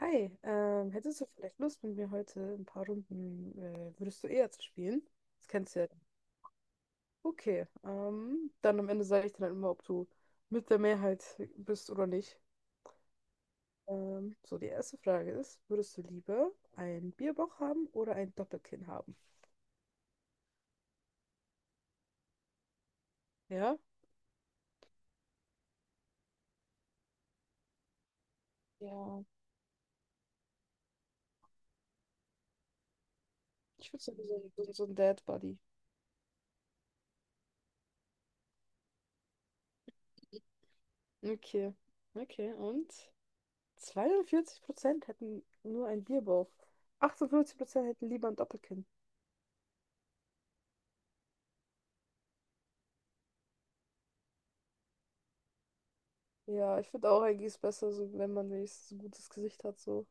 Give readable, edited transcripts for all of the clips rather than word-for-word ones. Hi, hättest du vielleicht Lust, mit mir heute ein paar Runden, würdest du eher zu spielen? Das kennst du ja. Okay, dann am Ende sage ich dir dann immer, ob du mit der Mehrheit bist oder nicht. So, die erste Frage ist, würdest du lieber einen Bierbauch haben oder ein Doppelkinn haben? Ja? Ja, ich würde sagen, so, so ein Dad Buddy. Okay, okay, und 42% hätten nur einen Bierbauch, 48% hätten lieber ein Doppelkinn. Ja, ich finde auch eigentlich ist besser, so, wenn man wenigstens ein gutes Gesicht hat, so.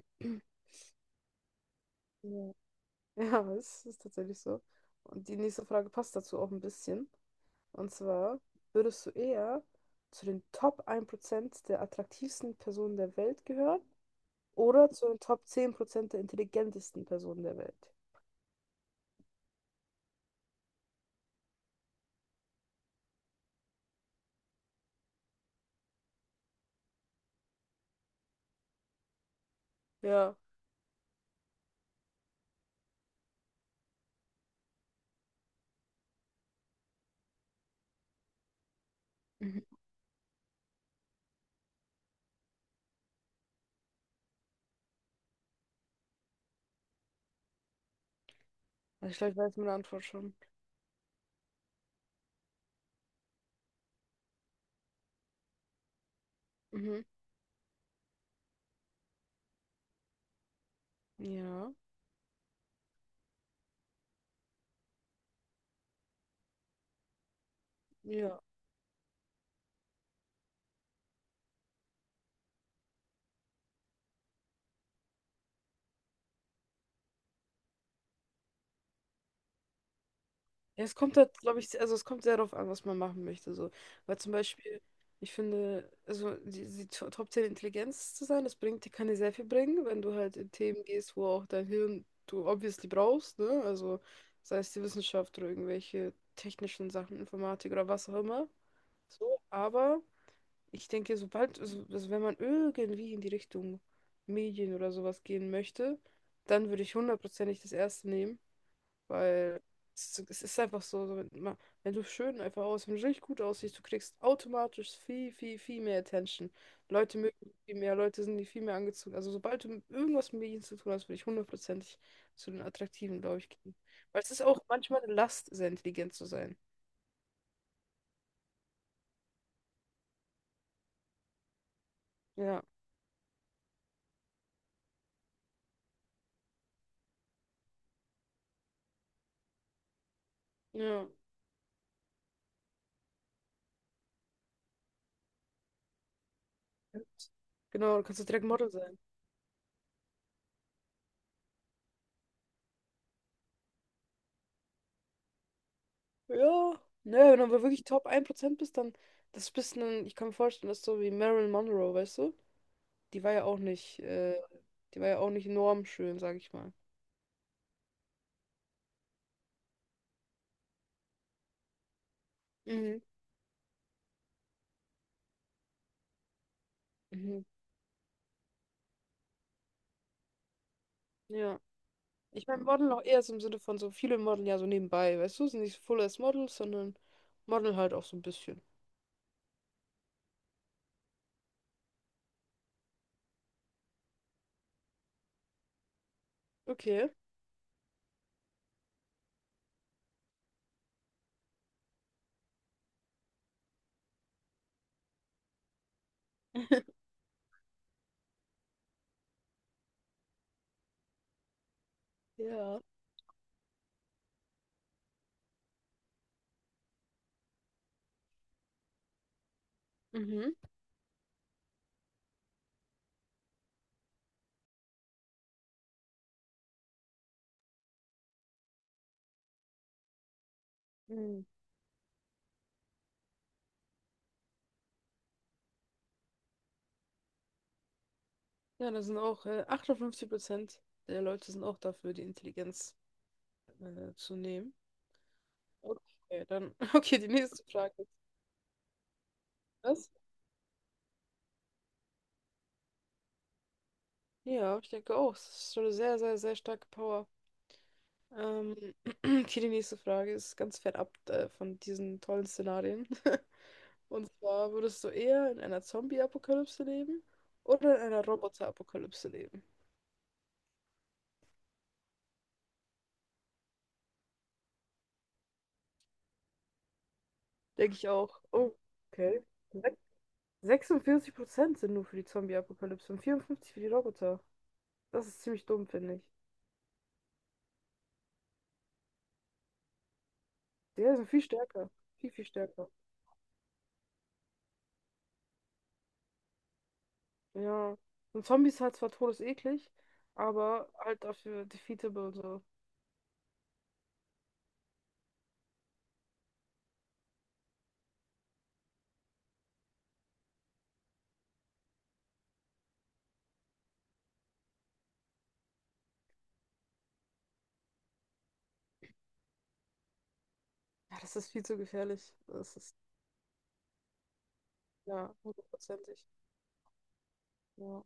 Ja, ja, es ist tatsächlich so. Und die nächste Frage passt dazu auch ein bisschen. Und zwar, würdest du eher zu den Top 1% der attraktivsten Personen der Welt gehören oder zu den Top 10% der intelligentesten Personen der Welt? Ja. Mhm. Also ich glaube, ich weiß meine Antwort schon. Mhm. Ja. Ja. Ja, es kommt halt, glaube ich, also es kommt sehr darauf an, was man machen möchte. So. Weil zum Beispiel, ich finde, also die Top 10 Intelligenz zu sein, das bringt dir, kann dir sehr viel bringen, wenn du halt in Themen gehst, wo auch dein Hirn du obviously brauchst, ne? Also sei es die Wissenschaft oder irgendwelche technischen Sachen, Informatik oder was auch immer. So, aber ich denke, sobald, also wenn man irgendwie in die Richtung Medien oder sowas gehen möchte, dann würde ich hundertprozentig das erste nehmen. Weil es ist einfach so, so, wenn du schön einfach aussiehst, wenn du richtig gut aussiehst, du kriegst automatisch viel, viel, viel mehr Attention. Leute mögen dich viel mehr, Leute sind dir viel mehr angezogen. Also sobald du mit irgendwas mit Medien zu tun hast, würde ich hundertprozentig zu den Attraktiven, glaube ich, gehen. Weil es ist auch manchmal eine Last, sehr intelligent zu sein. Ja, ja. Und Genau, du kannst auch direkt Model sein. Ja, ne, wenn du aber wirklich Top 1% bist, dann das bist ein, ich kann mir vorstellen, dass du so wie Marilyn Monroe, weißt du? Die war ja auch nicht, die war ja auch nicht enorm schön, sag ich mal. Mhm. Mhm. Ja. Ich meine, Model auch eher so im Sinne von so viele Model ja so nebenbei, weißt du? Sind nicht so Full as Models, sondern Model halt auch so ein bisschen. Okay. Ja. Mhm. Mhm. Ja, da sind auch 58% der Leute sind auch dafür, die Intelligenz zu nehmen. Okay, dann, okay, die nächste Frage ist das. Ja, ich denke auch, es ist schon eine sehr, sehr, sehr starke Power. Ähm, okay, die nächste Frage ist ganz fernab von diesen tollen Szenarien. Und zwar, würdest du eher in einer Zombie-Apokalypse leben oder in einer Roboter-Apokalypse leben? Denke ich auch. Oh, okay. Sech- 46% sind nur für die Zombie-Apokalypse und 54 für die Roboter. Das ist ziemlich dumm, finde ich. Die sind viel stärker. Viel, viel stärker. Ja. Und Zombies halt zwar todeseklig, aber halt dafür defeatable und so. Ja, das ist viel zu gefährlich. Das ist, ja, hundertprozentig. Ja.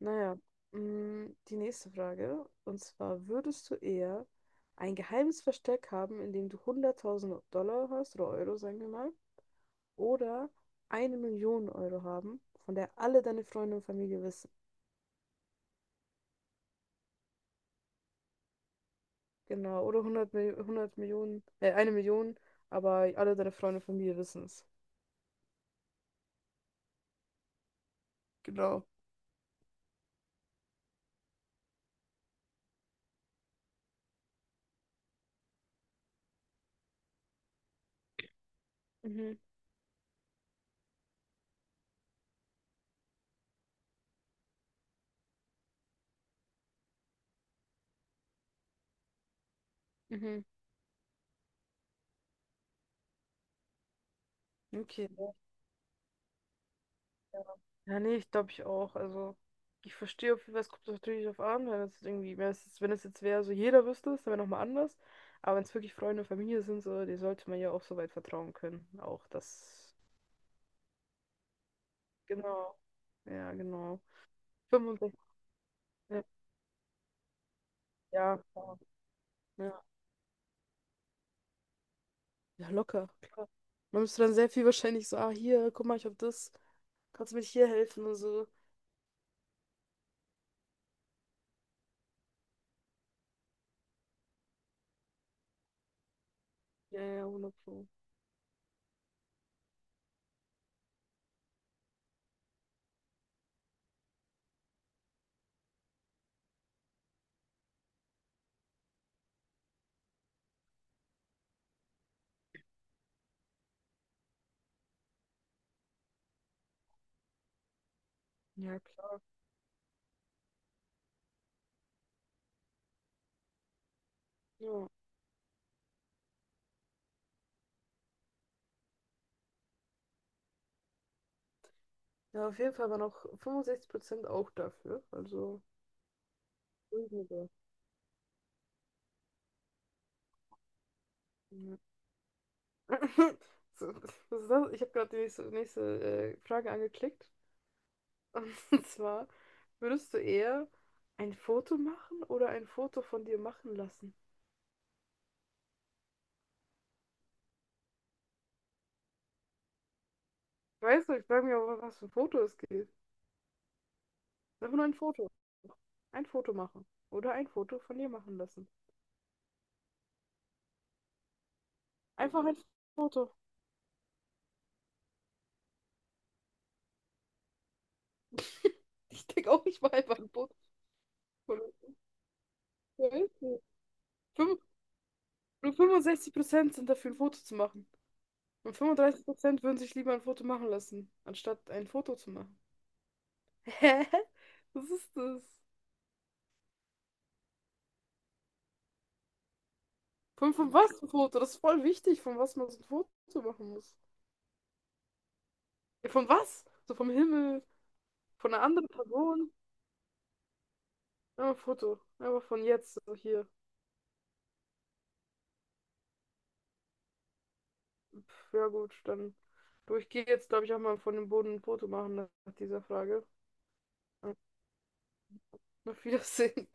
Naja, die nächste Frage. Und zwar, würdest du eher ein geheimes Versteck haben, in dem du 100.000 Dollar hast, oder Euro, sagen wir mal, oder 1 Million Euro haben, von der alle deine Freunde und Familie wissen? Genau, oder 100 Millionen, 1 Million, aber alle deine Freunde und Familie wissen es. Genau. Mhm, mhm. Okay. Ja. Ja, nee, ich glaube ich auch. Also, ich verstehe auf jeden Fall, es kommt natürlich drauf an, wenn es jetzt wäre, so jeder wüsste es, dann wäre nochmal anders. Aber wenn es wirklich Freunde und Familie sind, so, die sollte man ja auch so weit vertrauen können. Auch das. Genau. Ja, genau. 65. Ja, ja, klar. Ja. Ja, locker, klar. Man müsste dann sehr viel wahrscheinlich so, ah, hier, guck mal, ich hab das. Kannst du mir hier helfen und so. Ja, ja, 100 Pro. Ja, klar. Ja. Ja, auf jeden Fall waren auch 65% auch dafür. Also. Entschuldigung. Ja. So, was ist das? Ich habe gerade die nächste Frage angeklickt. Und zwar, würdest du eher ein Foto machen oder ein Foto von dir machen lassen? Ich weiß nicht, ich frage mich auch, was für ein Foto es geht. Einfach nur ein Foto. Ein Foto machen. Oder ein Foto von dir machen lassen. Einfach ein Foto. Ich denke auch, ich mache einfach ein Foto. Von mir. Ich weiß nicht. Fünf- Nur 65% sind dafür, ein Foto zu machen. Und 35% würden sich lieber ein Foto machen lassen, anstatt ein Foto zu machen. Hä? Was ist das? Von was ein Foto? Das ist voll wichtig, von was man so ein Foto machen muss. Ja, von was? So vom Himmel, von einer anderen Person. Ja, ein Foto. Aber von jetzt, so hier. Pff, ja gut, dann. Du, ich gehe jetzt, glaube ich, auch mal von dem Boden ein Foto machen nach dieser Frage. Ja, auf Wiedersehen.